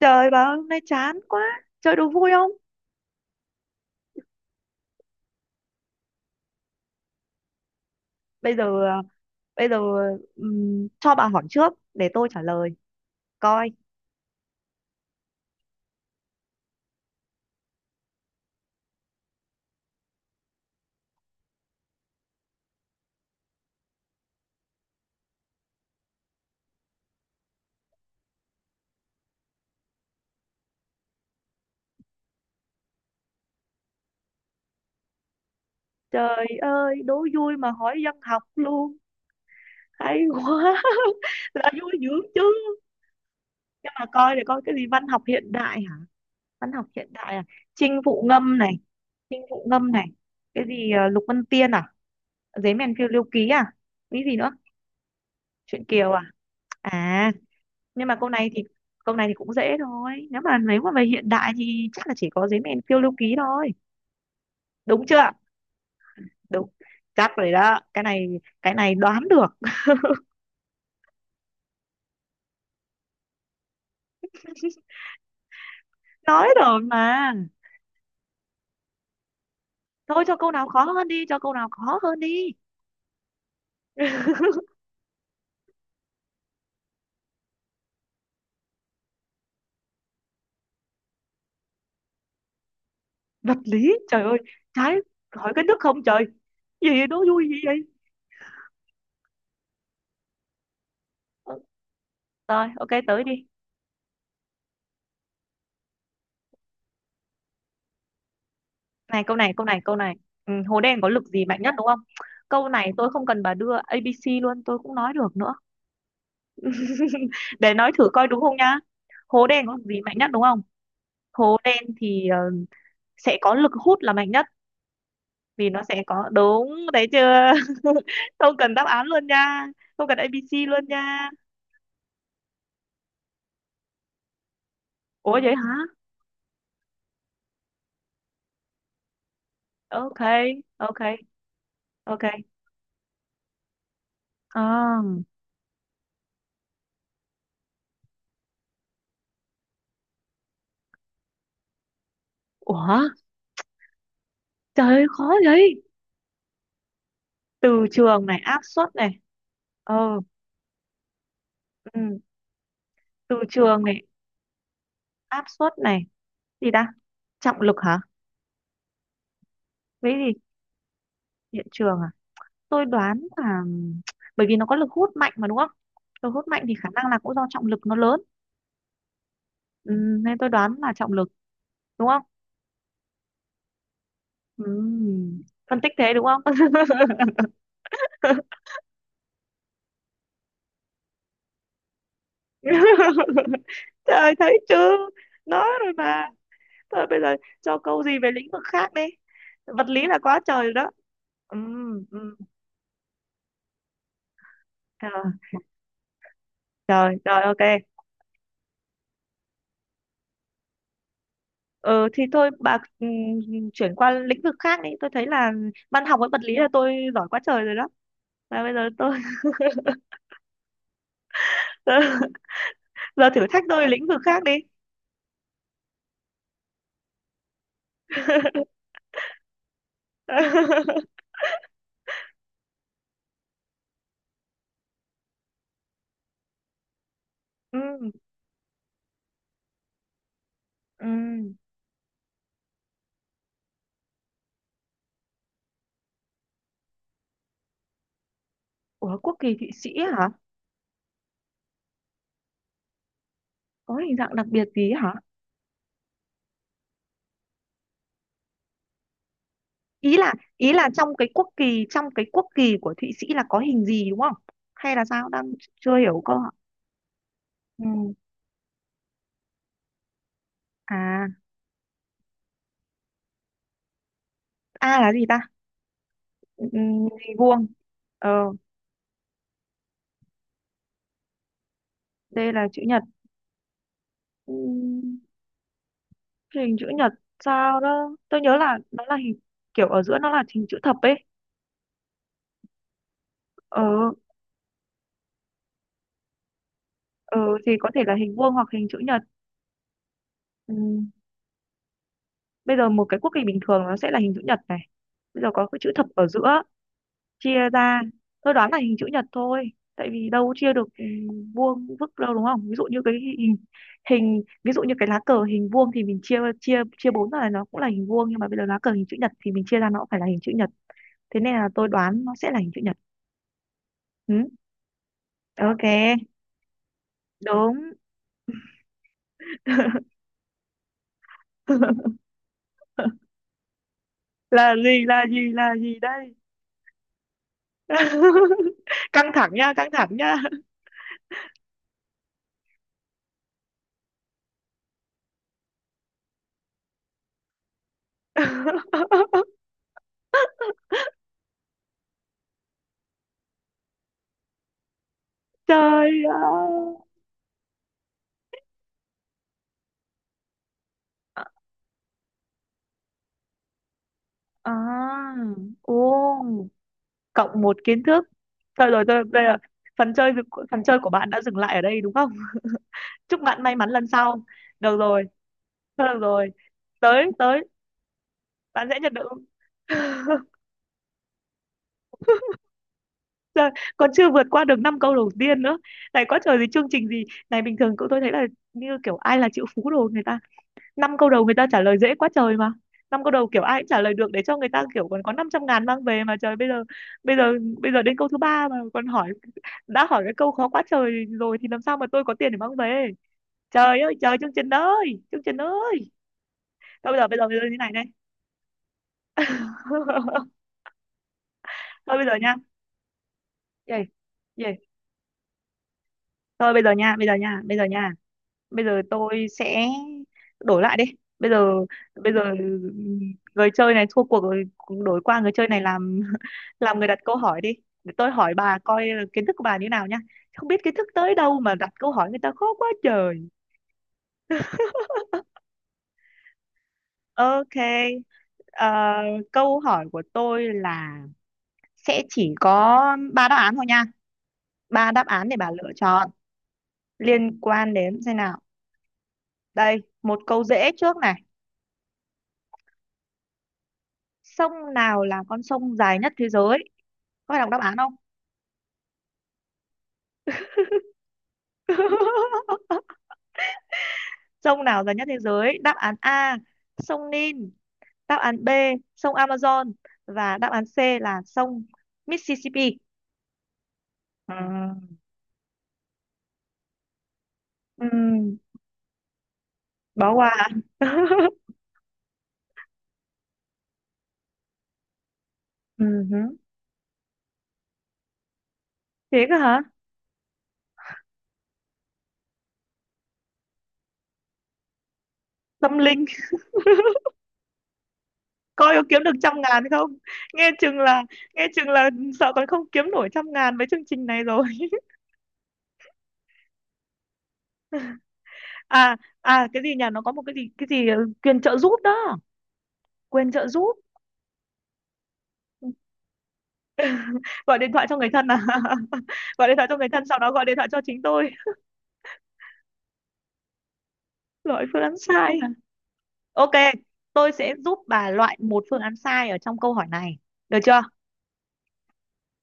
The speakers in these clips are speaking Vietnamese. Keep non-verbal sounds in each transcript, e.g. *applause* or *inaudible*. Trời bà ơi, hôm nay chán quá. Chơi đố vui không? Bây giờ à, bây giờ, cho bà hỏi trước để tôi trả lời. Coi. Trời ơi, đố vui mà hỏi văn học luôn. Hay quá. *laughs* Là vui dữ chứ. Nhưng mà coi để coi cái gì văn học hiện đại hả? Văn học hiện đại à? Chinh phụ ngâm này, chinh phụ ngâm này. Cái gì Lục Vân Tiên à? Giấy mèn phiêu lưu ký à? Cái gì nữa? Chuyện Kiều à? À, nhưng mà câu này thì cũng dễ thôi, nếu mà về hiện đại thì chắc là chỉ có giấy mèn phiêu lưu ký thôi, đúng chưa? Đúng, chắc rồi đó. Cái này, cái này đoán được. Nói rồi mà. Thôi cho câu nào khó hơn đi, cho câu nào khó hơn đi. Vật lý trời ơi. Trái. Hỏi cái nước không trời. Gì vậy? Vui gì vậy. Ờ, rồi ok, tới đi. Này câu này, câu này, câu này. Ừ, hồ đen có lực gì mạnh nhất đúng không? Câu này tôi không cần bà đưa a ABC luôn, tôi cũng nói được nữa. Để nói thử coi đúng không nhá. Hố đen có gì mạnh nhất đúng không? Hố đen thì sẽ có lực hút là mạnh nhất, vì nó sẽ có. Đúng đấy chưa? *laughs* Không cần đáp án luôn nha. Không cần A ABC luôn nha. Ủa vậy hả? Ok, ok, ok. À, ủa, trời ơi, khó vậy. Từ trường này, áp suất này. Ờ, ừ, từ trường này, áp suất này. Gì ta? Trọng lực hả? Cái gì? Điện trường à? Tôi đoán là bởi vì nó có lực hút mạnh mà đúng không. Lực hút mạnh thì khả năng là cũng do trọng lực nó lớn. Ừ, nên tôi đoán là trọng lực, đúng không? Ừ, phân tích thế đúng không? *laughs* Trời thấy chưa? Nói rồi mà. Thôi bây giờ cho câu gì về lĩnh vực khác đi. Vật lý là quá trời rồi đó. Ừ, ừ. Trời, trời trời, ok. Ừ, thì thôi bà, chuyển qua lĩnh vực khác đi, tôi thấy là văn học với vật lý là tôi giỏi quá trời rồi đó. Và bây giờ tôi *laughs* giờ, giờ, thử thách tôi lĩnh vực khác đi. *laughs* Ừ, ừ. Ủa quốc kỳ Thụy Sĩ hả? Có hình dạng đặc biệt gì hả? Ý là trong cái quốc kỳ của Thụy Sĩ là có hình gì đúng không? Hay là sao đang chưa hiểu câu ạ. Ừ. À, A là gì ta? Ừ, hình vuông. Ờ, D là chữ nhật. Ừ, hình chữ nhật. Sao đó tôi nhớ là nó là hình kiểu ở giữa nó là hình chữ thập ấy. Ờ. Ờ thì có thể là hình vuông hoặc hình chữ nhật. Ừ. Bây giờ một cái quốc kỳ bình thường nó sẽ là hình chữ nhật này. Bây giờ có cái chữ thập ở giữa, chia ra. Tôi đoán là hình chữ nhật thôi, tại vì đâu chia được, vuông vức đâu, đúng không? Ví dụ như cái hình hình ví dụ như cái lá cờ hình vuông thì mình chia chia chia bốn ra là nó cũng là hình vuông, nhưng mà bây giờ lá cờ hình chữ nhật thì mình chia ra nó cũng phải là hình chữ nhật. Thế nên là tôi đoán nó sẽ là hình chữ nhật. Ừ? Ok, đúng. *laughs* Là gì, là gì, là gì đây? *laughs* Căng thẳng nha, căng thẳng nha. *laughs* Trời ơi. À, ô, cộng một kiến thức. Thôi rồi tôi đây là phần chơi. Phần chơi của bạn đã dừng lại ở đây đúng không? Chúc bạn may mắn lần sau. Được rồi, thôi được rồi. Tới tới, bạn sẽ nhận được. Trời, còn chưa vượt qua được năm câu đầu tiên nữa. Này có trời gì, chương trình gì. Này bình thường cậu tôi thấy là như kiểu ai là triệu phú đồ, người ta năm câu đầu người ta trả lời dễ quá trời mà. Năm câu đầu kiểu ai cũng trả lời được, để cho người ta kiểu còn có 500.000 mang về mà. Trời bây giờ bây giờ đến câu thứ ba mà còn hỏi, đã hỏi cái câu khó quá trời rồi thì làm sao mà tôi có tiền để mang về. Trời ơi trời, chương trình ơi chương trình ơi. Thôi bây giờ, bây giờ, bây giờ như này này. *laughs* Thôi bây giờ nha. Gì? Gì? Thôi bây giờ nha, bây giờ nha, bây giờ nha. Bây giờ tôi sẽ đổi lại đi. Bây giờ, bây giờ người chơi này thua cuộc rồi. Đổi qua người chơi này làm *laughs* làm người đặt câu hỏi đi. Để tôi hỏi bà coi là kiến thức của bà như nào nhá. Không biết kiến thức tới đâu mà đặt câu hỏi người ta khó quá trời. Ok. Ờ, câu hỏi của tôi là sẽ chỉ có ba đáp án thôi nha, ba đáp án để bà lựa chọn, liên quan đến xem nào. Đây, một câu dễ trước này. Sông nào là con sông dài nhất thế giới? Có phải đọc đáp án không? *laughs* Sông nào dài nhất thế giới? Đáp án A, sông Nin. Đáp án B, sông Amazon. Và đáp án C là sông Mississippi. À, ừ, bỏ qua ạ. *laughs* Ừ hứ. Thế cơ hả? Tâm linh. Coi có kiếm được 100.000 không, nghe chừng là, nghe chừng là sợ còn không kiếm nổi 100.000 với chương trình này rồi. *laughs* À à, cái gì nhỉ? Nó có một cái gì, cái gì quyền trợ giúp đó. Quyền trợ giúp. Gọi điện thoại cho người thân à? *laughs* Gọi điện thoại cho người thân sau đó gọi điện thoại cho chính tôi. Loại phương án sai à? Ok, tôi sẽ giúp bà loại một phương án sai ở trong câu hỏi này, được chưa?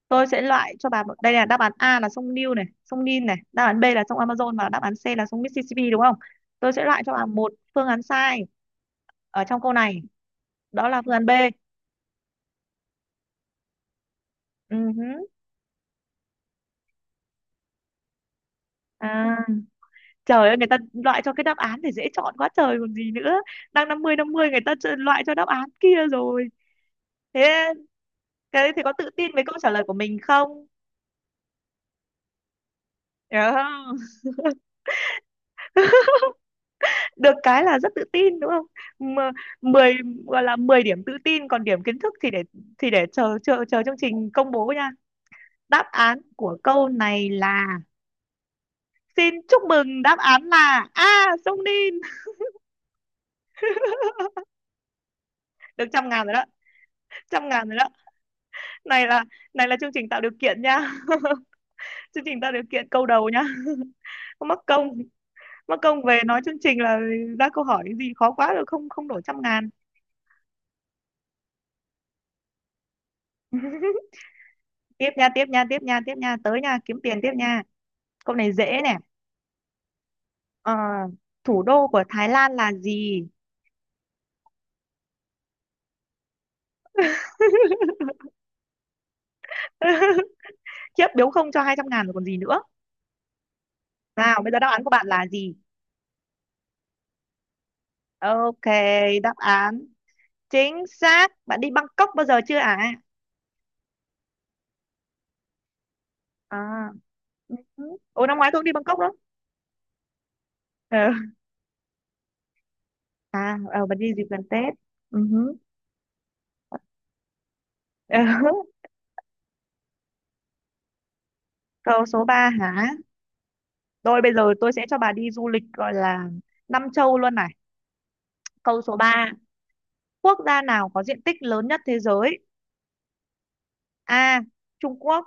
Tôi sẽ loại cho bà đây là đáp án A là sông Nil này, sông Nin này, đáp án B là sông Amazon và đáp án C là sông Mississippi đúng không? Tôi sẽ loại cho bà một phương án sai ở trong câu này. Đó là phương án B. Ừ hứ. À, trời ơi, người ta loại cho cái đáp án thì dễ chọn quá trời còn gì nữa. Đang 50/50, người ta loại cho đáp án kia rồi. Thế. Cái đấy thì có tự tin với câu trả lời của mình không? Hiểu không? *laughs* Được cái là rất tự tin đúng không? Mà 10 gọi là 10 điểm tự tin, còn điểm kiến thức thì để, thì để chờ chờ chờ chương trình công bố nha. Đáp án của câu này là, xin chúc mừng, đáp án là A, sông Ninh. *laughs* Được trăm ngàn rồi đó, 100.000 rồi đó. Này là này là chương trình tạo điều kiện nha. *laughs* Chương trình tạo điều kiện câu đầu nha. *laughs* Không, mắc công, mắc công về nói chương trình là ra câu hỏi gì khó quá rồi không, không đổi 100.000. *laughs* Tiếp nha, tiếp nha, tiếp nha, tiếp nha, tới nha, kiếm tiền tiếp nha. Câu này dễ nè. Ờ, thủ đô của Thái Lan là gì? *laughs* Khiếp, biếu không cho 200.000 rồi còn gì nữa. Nào bây giờ đáp án của bạn là gì? Ok, đáp án chính xác. Bạn đi Bangkok bao giờ chưa ạ? À, ừ. Ồ năm ngoái tôi cũng đi Bangkok đó. Ờ. À ờ, bạn đi dịp gần Tết. Ừ. Ờ. *laughs* Câu số 3 hả? Rồi bây giờ tôi sẽ cho bà đi du lịch gọi là năm châu luôn này. Câu số ba. Quốc gia nào có diện tích lớn nhất thế giới? A, Trung Quốc.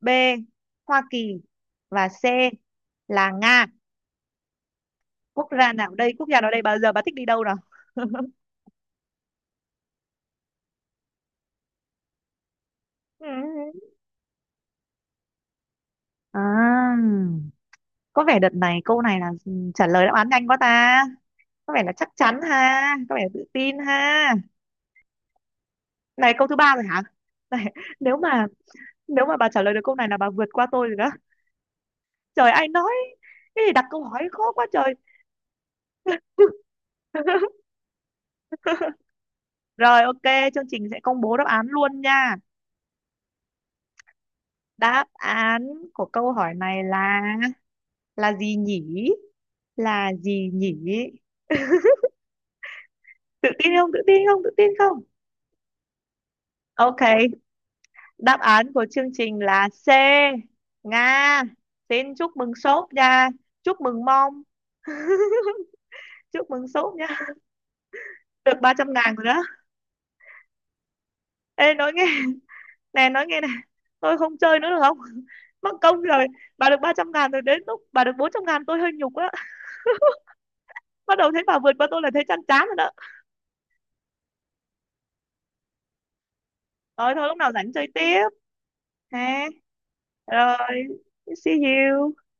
B, Hoa Kỳ. Và C là Nga. Quốc gia nào đây? Quốc gia nào đây? Bao giờ bà thích đi đâu nào? *laughs* À, có vẻ đợt này câu này là trả lời đáp án nhanh quá ta. Có vẻ là chắc chắn ha, có vẻ là tự tin ha. Này câu thứ ba rồi hả? Này, nếu mà nếu mà bà trả lời được câu này là bà vượt qua tôi rồi đó. Trời ai nói cái gì đặt câu hỏi khó quá trời. *laughs* Rồi ok, chương trình sẽ công bố đáp án luôn nha. Đáp án của câu hỏi này là gì nhỉ? Là gì nhỉ? Tự tin không? Tự tin không? Tự tin không? Ok, đáp án của chương trình là C. Nga. Xin chúc mừng sốt nha. Chúc mừng mong. *laughs* Chúc mừng sốt nha. Được 300.000 rồi đó. Ê nói nghe, nè nói nghe nè. Tôi không chơi nữa được không? *laughs* Mất công rồi. Bà được 300.000 rồi đến lúc bà được 400.000 tôi hơi nhục á. Bắt đầu thấy bà vượt qua tôi là thấy chán chán rồi đó. Rồi thôi lúc nào rảnh chơi tiếp ha. Rồi see you.